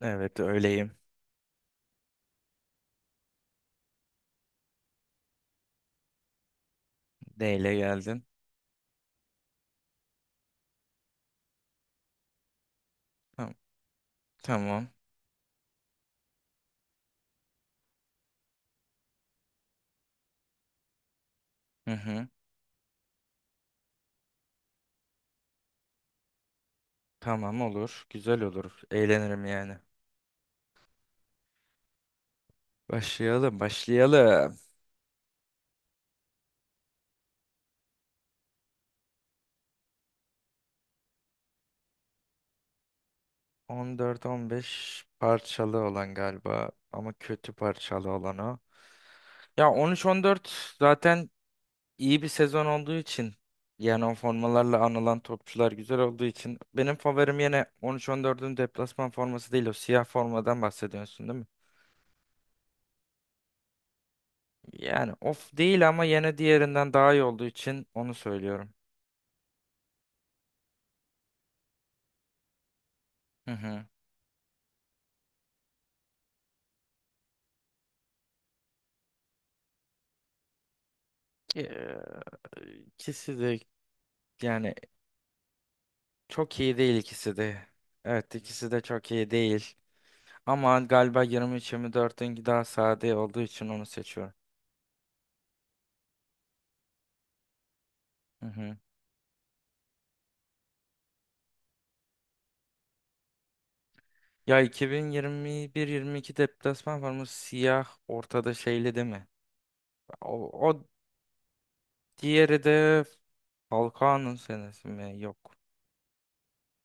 Evet öyleyim. D ile geldin. Tamam. Tamam. Hı hı. Tamam olur. Güzel olur. Eğlenirim yani. Başlayalım, başlayalım. 14-15 parçalı olan galiba ama kötü parçalı olan o. Ya 13-14 zaten iyi bir sezon olduğu için yani o formalarla anılan topçular güzel olduğu için benim favorim yine 13-14'ün deplasman forması, değil o siyah formadan bahsediyorsun değil mi? Yani of değil ama yine diğerinden daha iyi olduğu için onu söylüyorum. Hı hı. Ee, İkisi de yani çok iyi değil ikisi de. Evet ikisi de çok iyi değil. Ama galiba 23-24'ünki daha sade olduğu için onu seçiyorum. Hı hı. Ya 2021-22 deplasman var mı? Siyah ortada şeyli değil mi? O, diğeri de Falcao'nun senesi mi? Yok.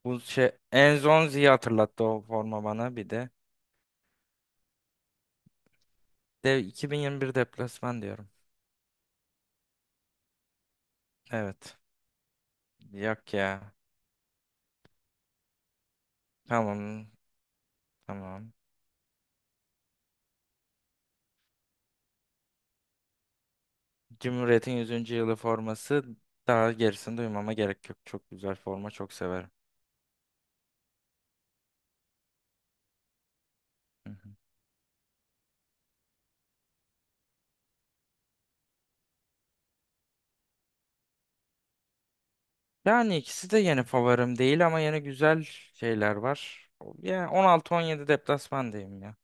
Bu şey Enzonzi'yi hatırlattı o forma bana bir de. De 2021 deplasman diyorum. Evet. Yok ya. Tamam. Tamam. Cumhuriyet'in 100. yılı forması, daha gerisini duymama gerek yok. Çok güzel forma. Çok severim. Hı hı. Yani ikisi de yeni favorim değil ama yeni güzel şeyler var. Yani 16-17 deplasman diyeyim ya.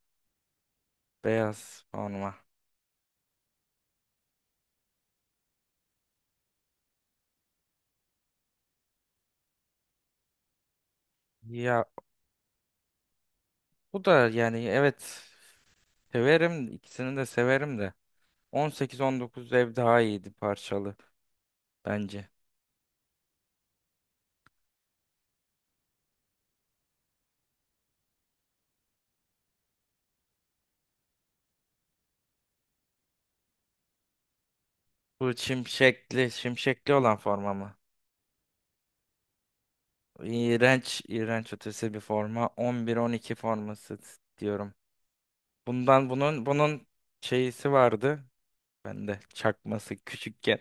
Beyaz forma. Ya bu da yani evet severim. İkisini de severim de. 18-19 ev daha iyiydi parçalı bence. Bu şimşekli, şimşekli olan forma mı? İğrenç, iğrenç ötesi bir forma. 11-12 forması diyorum. Bundan bunun şeysi vardı. Bende çakması küçükken.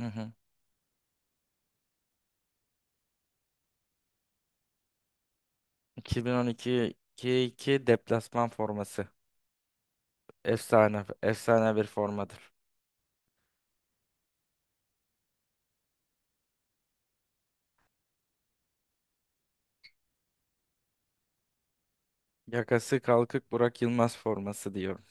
Hı hı. 2012-2 deplasman forması. Efsane, efsane bir formadır. Yakası kalkık Burak Yılmaz forması diyorum.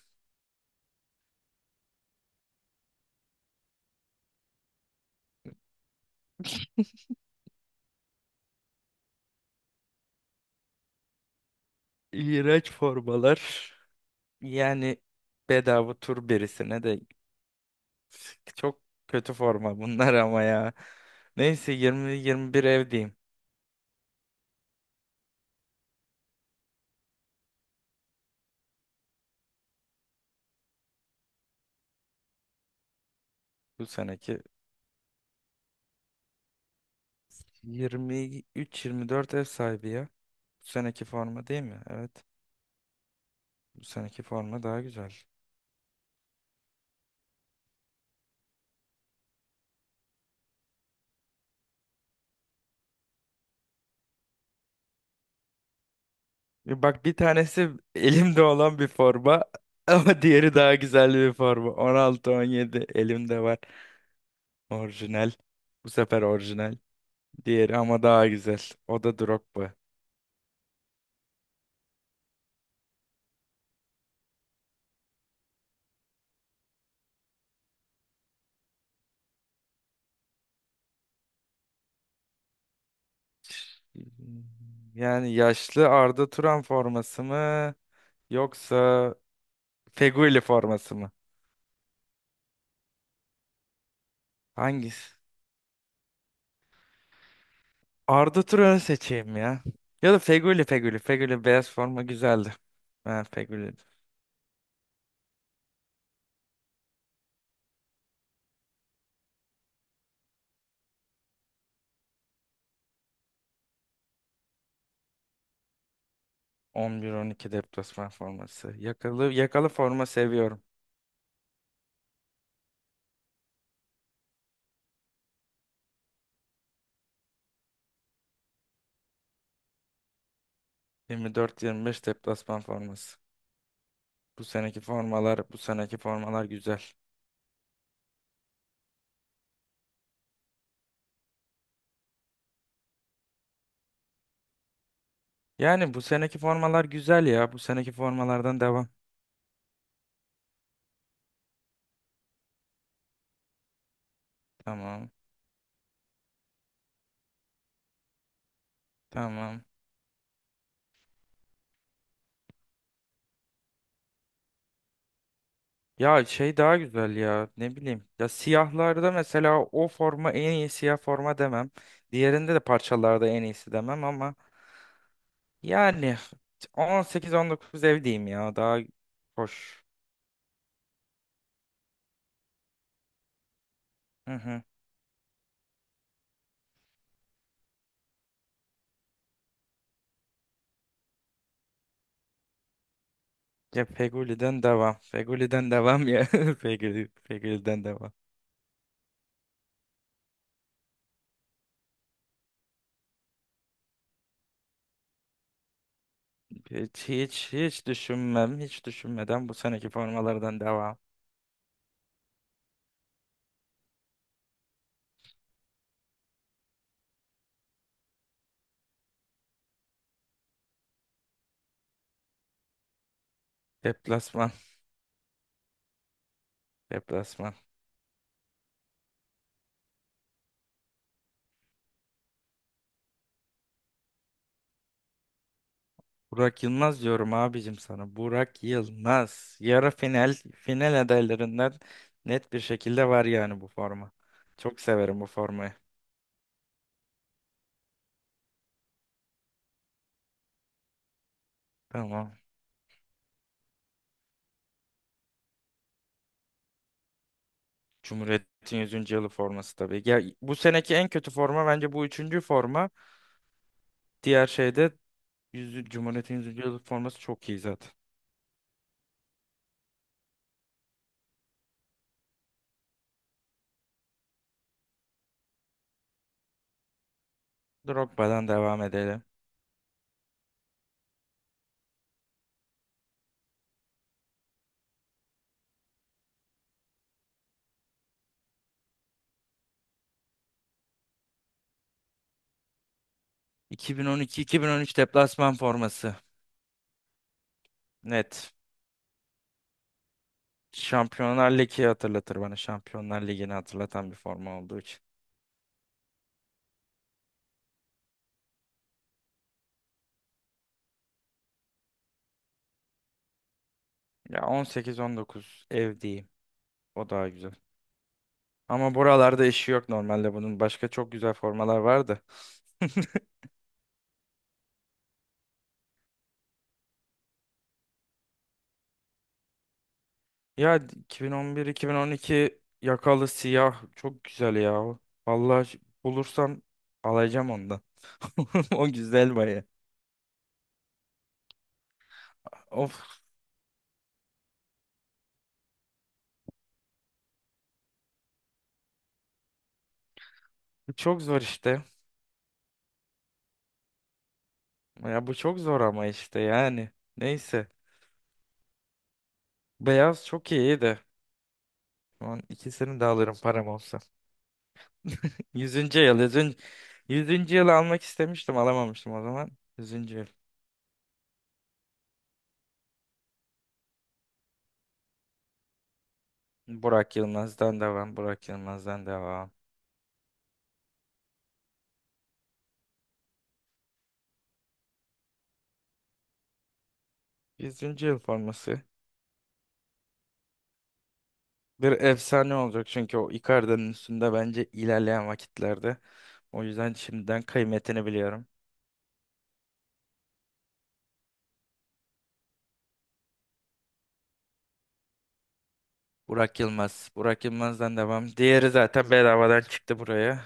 İğrenç formalar. Yani bedava tur birisine de. Çok kötü forma bunlar ama ya. Neyse 20-21 ev diyeyim. Bu seneki 23-24 ev sahibi ya. Bu seneki forma değil mi? Evet. Bu seneki forma daha güzel. E, bak, bir tanesi elimde olan bir forma ama diğeri daha güzel bir forma. 16-17 elimde var. Orijinal. Bu sefer orijinal. Diğeri ama daha güzel. O da Drogba. Yani yaşlı Arda Turan forması mı? Yoksa Feguli forması mı? Hangisi? Arda Turan'ı seçeyim ya. Ya da Feguli, Feguli. Feguli beyaz forma güzeldi. Ben Feguli. 11-12 deplasman forması. Yakalı, yakalı forma seviyorum. 24-25 deplasman forması. Bu seneki formalar, bu seneki formalar güzel. Yani bu seneki formalar güzel ya. Bu seneki formalardan devam. Tamam. Tamam. Ya şey daha güzel ya, ne bileyim. Ya siyahlarda mesela o forma en iyi siyah forma demem. Diğerinde de parçalarda en iyisi demem ama yani 18-19 ev diyeyim ya, daha hoş. Hı hı. Ya Feguli'den devam. Feguli'den devam ya. Feguli, Feguli'den devam. Hiç düşünmem. Hiç düşünmeden bu seneki formalardan devam. Deplasman. Deplasman. Burak Yılmaz diyorum abicim sana. Burak Yılmaz. Yarı final final adaylarından net bir şekilde var yani bu forma. Çok severim bu formayı. Tamam. Cumhuriyet'in yüzüncü yılı forması tabii. Ya, bu seneki en kötü forma bence bu üçüncü forma. Diğer şeyde 100, Cumhuriyet'in yüzüncü yılı forması çok iyi zaten. Drogba'dan devam edelim. 2012-2013 deplasman forması. Net. Şampiyonlar Ligi hatırlatır bana. Şampiyonlar Ligi'ni hatırlatan bir forma olduğu için. Ya on sekiz on dokuz ev diyeyim. O daha güzel. Ama buralarda işi yok normalde bunun. Başka çok güzel formalar vardı. Ya 2011-2012 yakalı siyah çok güzel ya. Vallahi bulursam alacağım ondan. O güzel baya. Of, bu çok zor işte. Ya bu çok zor ama işte yani. Neyse. Beyaz çok iyi de. Şu an ikisini de alırım param olsa. Yüzüncü yıl. 100. yüzüncü yılı almak istemiştim, alamamıştım o zaman. Yüzüncü yıl. Burak Yılmaz'dan devam. Burak Yılmaz'dan devam. Yüzüncü yıl forması. Bir efsane olacak çünkü o Icardi'nin üstünde bence ilerleyen vakitlerde. O yüzden şimdiden kıymetini biliyorum. Burak Yılmaz. Burak Yılmaz'dan devam. Diğeri zaten bedavadan çıktı buraya.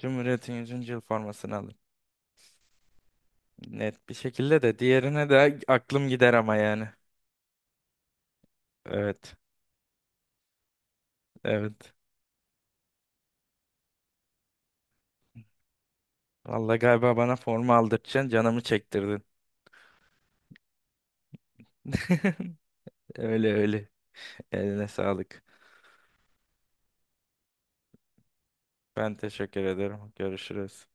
Cumhuriyet'in yüzüncü yıl formasını alın. Net bir şekilde, de diğerine de aklım gider ama yani. Evet. Evet. Vallahi galiba bana forma aldırtacaksın, canımı çektirdin. Öyle öyle. Eline sağlık. Ben teşekkür ederim. Görüşürüz.